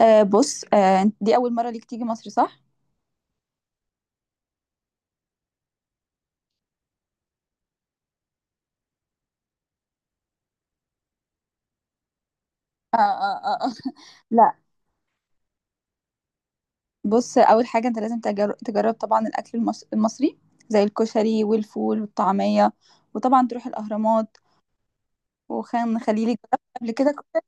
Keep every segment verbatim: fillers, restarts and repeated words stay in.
آه بص، آه دي أول مرة ليك تيجي مصر صح؟ آه آه آه. آه. لا. بص، أول حاجة أنت لازم تجر- تجرب طبعا الأكل المص- المصري، زي الكشري والفول والطعمية، وطبعا تروح الأهرامات وخان خليلي. جربت قبل كده كشري؟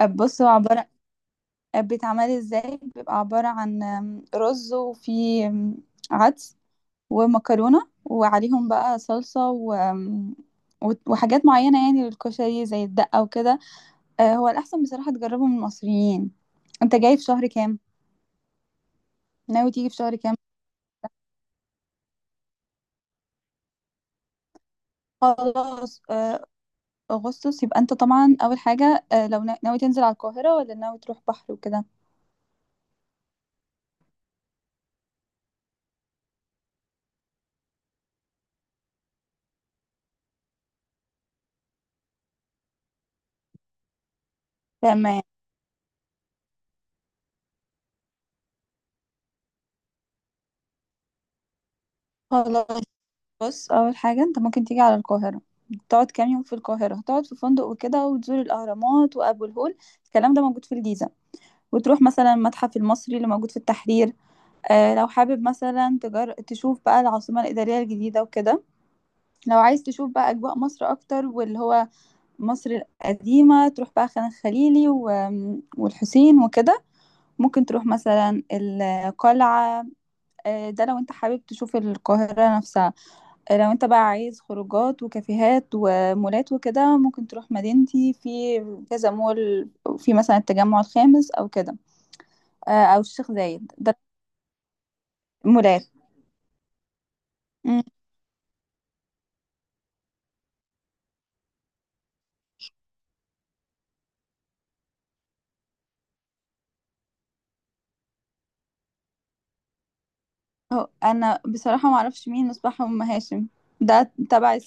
آه، بص، هو عبارة آه، بيتعمل ازاي. بيبقى عبارة عن آم، رز، وفي آم، عدس ومكرونة، وعليهم بقى صلصة و... آم، وت- وحاجات معينة يعني للكشري زي الدقة وكده. آه، هو الأحسن بصراحة تجربه من المصريين. انت جاي في شهر كام؟ ناوي تيجي في شهر كام؟ خلاص آه، أغسطس. يبقى انت طبعا أول حاجة، آه، لو نا- ناوي تنزل على القاهرة، ولا ناوي تروح بحر وكده. تمام، خلاص. بص، أول حاجة انت ممكن تيجي على القاهرة، تقعد كام يوم في القاهرة، تقعد في فندق وكده وتزور الأهرامات وأبو الهول. الكلام ده موجود في الجيزة. وتروح مثلا المتحف المصري اللي موجود في التحرير. آه، لو حابب مثلا تجر... تشوف بقى العاصمة الإدارية الجديدة وكده. لو عايز تشوف بقى أجواء مصر أكتر، واللي هو مصر القديمة، تروح بقى خان الخليلي و- والحسين وكده. ممكن تروح مثلا القلعة. آه، ده لو انت حابب تشوف القاهرة نفسها. آه، لو انت بقى عايز خروجات وكافيهات ومولات وكده، ممكن تروح مدينتي، في كذا مول، في مثلا التجمع الخامس أو كده، آه، أو الشيخ زايد ده. مولات. مم. هو- أنا بصراحة معرفش مين مصباح أم هاشم. ده تبع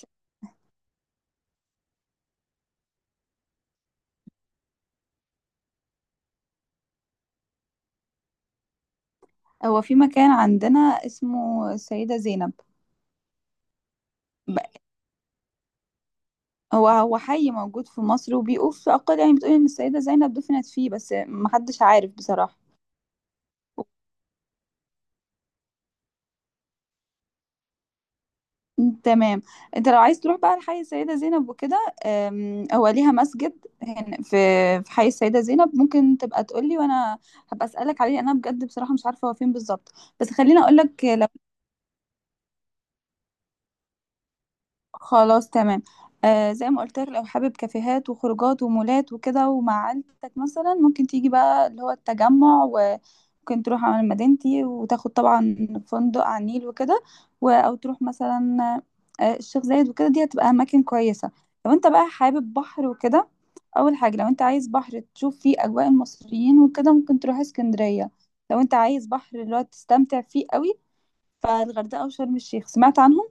هو في مكان عندنا اسمه السيدة زينب. ب- هو هو حي موجود في مصر، وبيقول في أقل يعني بتقول إن السيدة زينب دفنت فيه، بس محدش عارف بصراحة. تمام. انت لو عايز تروح بقى لحي السيدة زينب وكده، أم، هو ليها مسجد هنا في في حي السيدة زينب. ممكن تبقى تقولي وانا هبقى اسألك عليه، انا بجد بصراحة مش عارفة هو فين بالظبط. بس خليني اقولك. خلاص، تمام. آه، زي ما قلت لك، لو حابب كافيهات وخروجات ومولات وكده، ومع عيلتك مثلا، ممكن تيجي بقى اللي هو التجمع، وممكن تروح على مدينتي وتاخد طبعا فندق على النيل وكده، و- او تروح مثلا آه الشيخ زايد وكده، دي هتبقى اماكن كويسة. لو انت بقى حابب بحر وكده، اول حاجة لو انت عايز بحر تشوف فيه اجواء المصريين وكده، ممكن تروح اسكندرية. لو انت عايز بحر اللي هو تستمتع فيه قوي، فالغردقة وشرم الشيخ سمعت عنهم.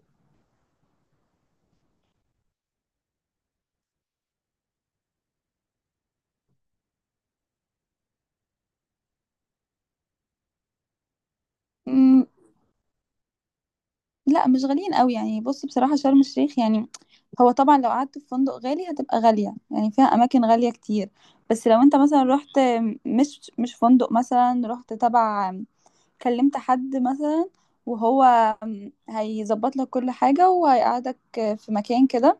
لا، مش غاليين قوي يعني. بص بصراحة شرم الشيخ يعني، هو طبعا لو قعدت في فندق غالي هتبقى غالية، يعني فيها أماكن غالية كتير. بس لو انت مثلا رحت، مش مش فندق، مثلا رحت تبع، كلمت حد مثلا وهو هيظبط لك كل حاجة وهيقعدك في مكان كده.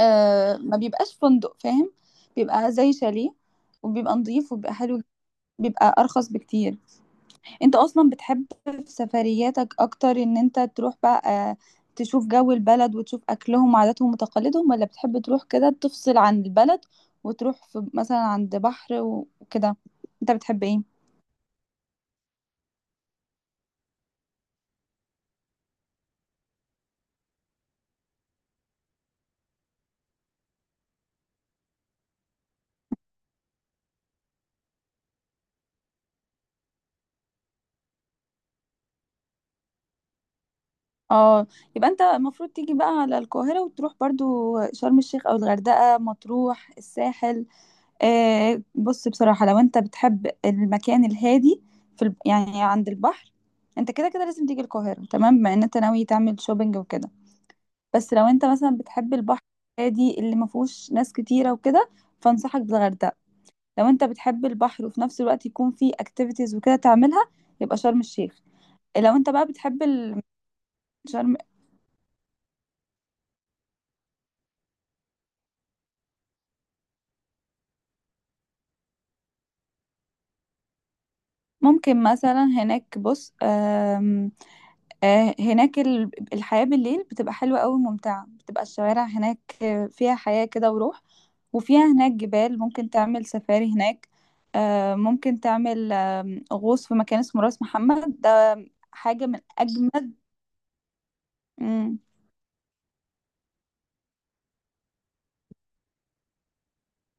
آه، ما بيبقاش فندق، فاهم؟ بيبقى زي شاليه، وبيبقى نظيف وبيبقى حلو. بيبقى أرخص بكتير. انت اصلا بتحب في سفرياتك اكتر ان انت تروح بقى، آه، تشوف جو البلد وتشوف اكلهم وعاداتهم وتقاليدهم، ولا بتحب تروح كده تفصل عن البلد، وتروح في مثلا عند بحر وكده؟ انت بتحب ايه؟ اه، يبقى انت المفروض تيجي بقى على القاهرة، وتروح برضو شرم الشيخ او الغردقة، مطروح، الساحل. آه، بص بصراحة لو انت بتحب المكان الهادي، في ال... يعني عند البحر، انت كده كده لازم تيجي القاهرة تمام، بما ان انت ناوي تعمل شوبينج وكده. بس لو انت مثلا بتحب البحر الهادي اللي ما فيهوش ناس كتيره وكده، فانصحك بالغردقه. لو انت بتحب البحر، وفي نفس الوقت يكون فيه اكتيفيتيز وكده تعملها، يبقى شرم الشيخ. لو انت بقى بتحب ال- شرم، ممكن مثلا هناك، بص آم، آه، هناك ال- الحياه بالليل بتبقى حلوه قوي وممتعه، بتبقى الشوارع هناك آه، فيها حياه كده وروح، وفيها هناك جبال ممكن تعمل سفاري هناك. آه، ممكن تعمل آم، غوص في مكان اسمه راس محمد، حاجة من أجمد. مم.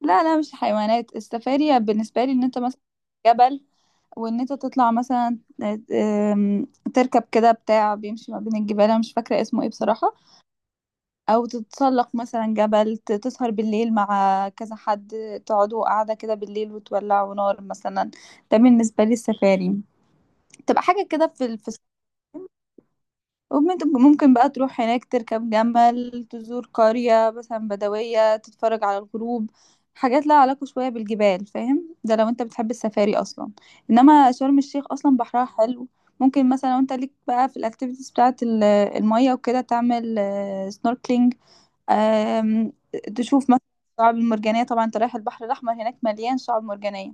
لا لا، مش حيوانات. السفاري بالنسبة لي إن أنت مثلا جبل، وإن أنت تطلع مثلا، آم، تركب كده بتاع بيمشي ما بين الجبال، أنا مش فاكرة اسمه إيه بصراحة. أو تتسلق مثلا جبل، ت- تسهر بالليل مع كذا حد، تقعدوا قاعدة كده بالليل وتولعوا نار مثلا. ده بالنسبة لي السفاري. تبقى حاجة كده في في الصحراء، وممت- ممكن بقى تروح هناك، تركب جمل، تزور قرية مثلا بدوية، تتفرج على الغروب، حاجات لها علاقة شوية بالجبال، فاهم؟ ده لو انت بتحب السفاري اصلا. انما شرم الشيخ اصلا بحرها حلو، ممكن مثلا لو انت ليك بقى في الاكتيفيتيز بتاعة ال- المية وكده، تعمل سنوركلينج، تشوف مثلا الشعاب المرجانية. طبعا انت رايح البحر الأحمر، هناك مليان شعاب مرجانية.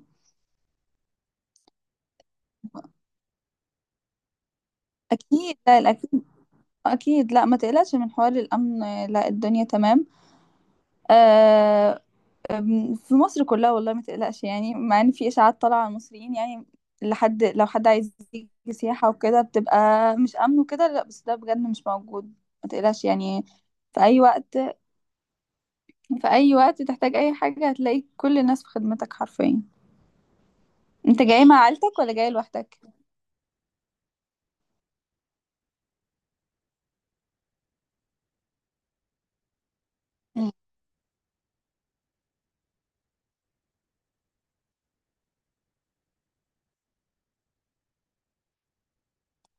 أكيد، لا الأكيد، أكيد لا ما تقلقش من حوار الأمن. آه، لا، الدنيا تمام. آه أم، في مصر كلها والله ما تقلقش، يعني مع ان في اشاعات طالعه على المصريين، يعني لحد لو حد عايز يجي سياحه وكده بتبقى مش امن وكده، لا، بس ده بجد مش موجود. ما تقلقش يعني، في اي وقت، في اي وقت تحتاج اي حاجه، هتلاقي كل الناس في خدمتك حرفيا. انت جاي مع عيلتك ولا جاي لوحدك؟ مم.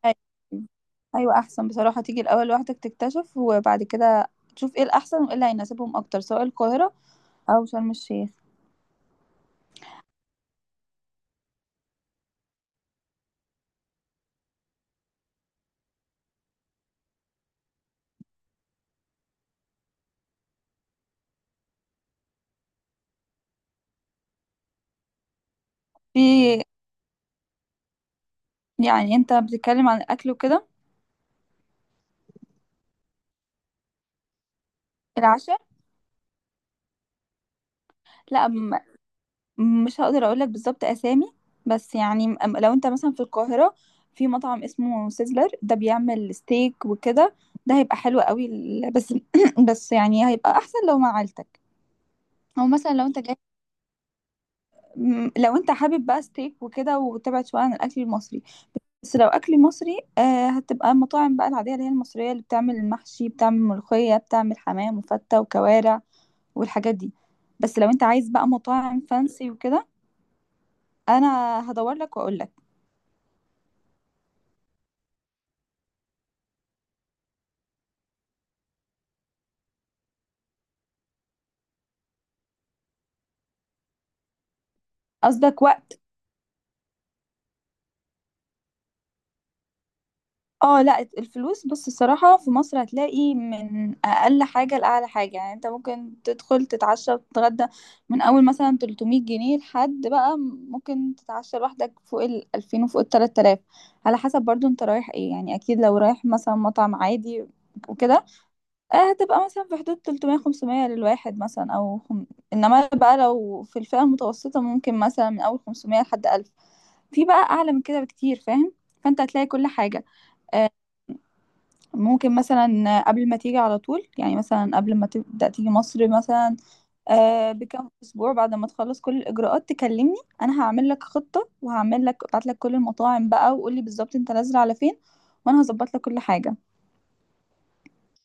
أيوة. ايوه، احسن بصراحه تيجي الاول لوحدك تكتشف، وبعد كده تشوف ايه الاحسن وايه اللي هيناسبهم اكتر، سواء القاهره او شرم الشيخ. في، يعني انت بتتكلم عن الاكل وكده؟ العشاء، لا م- مش هقدر اقول لك بالظبط اسامي، بس يعني، م- لو انت مثلا في القاهرة، في مطعم اسمه سيزلر، ده بيعمل ستيك وكده، ده هيبقى حلو قوي. ال- بس بس يعني هيبقى احسن لو مع عيلتك. او مثلا لو انت جاي، م- لو انت حابب بقى ستيك وكده وتبعد شويه عن الاكل المصري. بس لو اكل مصري، آه هتبقى المطاعم بقى العاديه اللي هي المصريه، اللي بتعمل المحشي، بتعمل ملوخيه، بتعمل حمام وفته وكوارع والحاجات دي. بس لو انت عايز بقى مطاعم فانسي وكده، انا هدور لك واقول لك. قصدك وقت؟ اه، لا، الفلوس. بص، الصراحة في مصر هتلاقي من اقل حاجة لاعلى حاجة. يعني انت ممكن تدخل تتعشى وتتغدى من اول مثلا تلتمية جنيه، لحد بقى ممكن تتعشى لوحدك فوق ال ألفين وفوق ال ثلاثة آلاف، على حسب برضو انت رايح ايه. يعني اكيد لو رايح مثلا مطعم عادي وكده، آه، هتبقى مثلا في حدود تلتمية خمسمية للواحد مثلا، او خم... انما بقى لو في الفئة المتوسطة، ممكن مثلا من اول خمسمية لحد ألف. في بقى اعلى من كده بكتير، فاهم؟ فانت هتلاقي كل حاجه. آه، ممكن مثلا قبل ما تيجي على طول، يعني مثلا قبل ما تبدا تيجي مصر مثلا، آه، بكام اسبوع بعد ما تخلص كل الاجراءات، تكلمني. انا هعمل لك خطه، وهعمل لك، ابعت لك كل المطاعم بقى، وقول لي بالظبط انت نازله على فين وانا هظبط لك كل حاجه.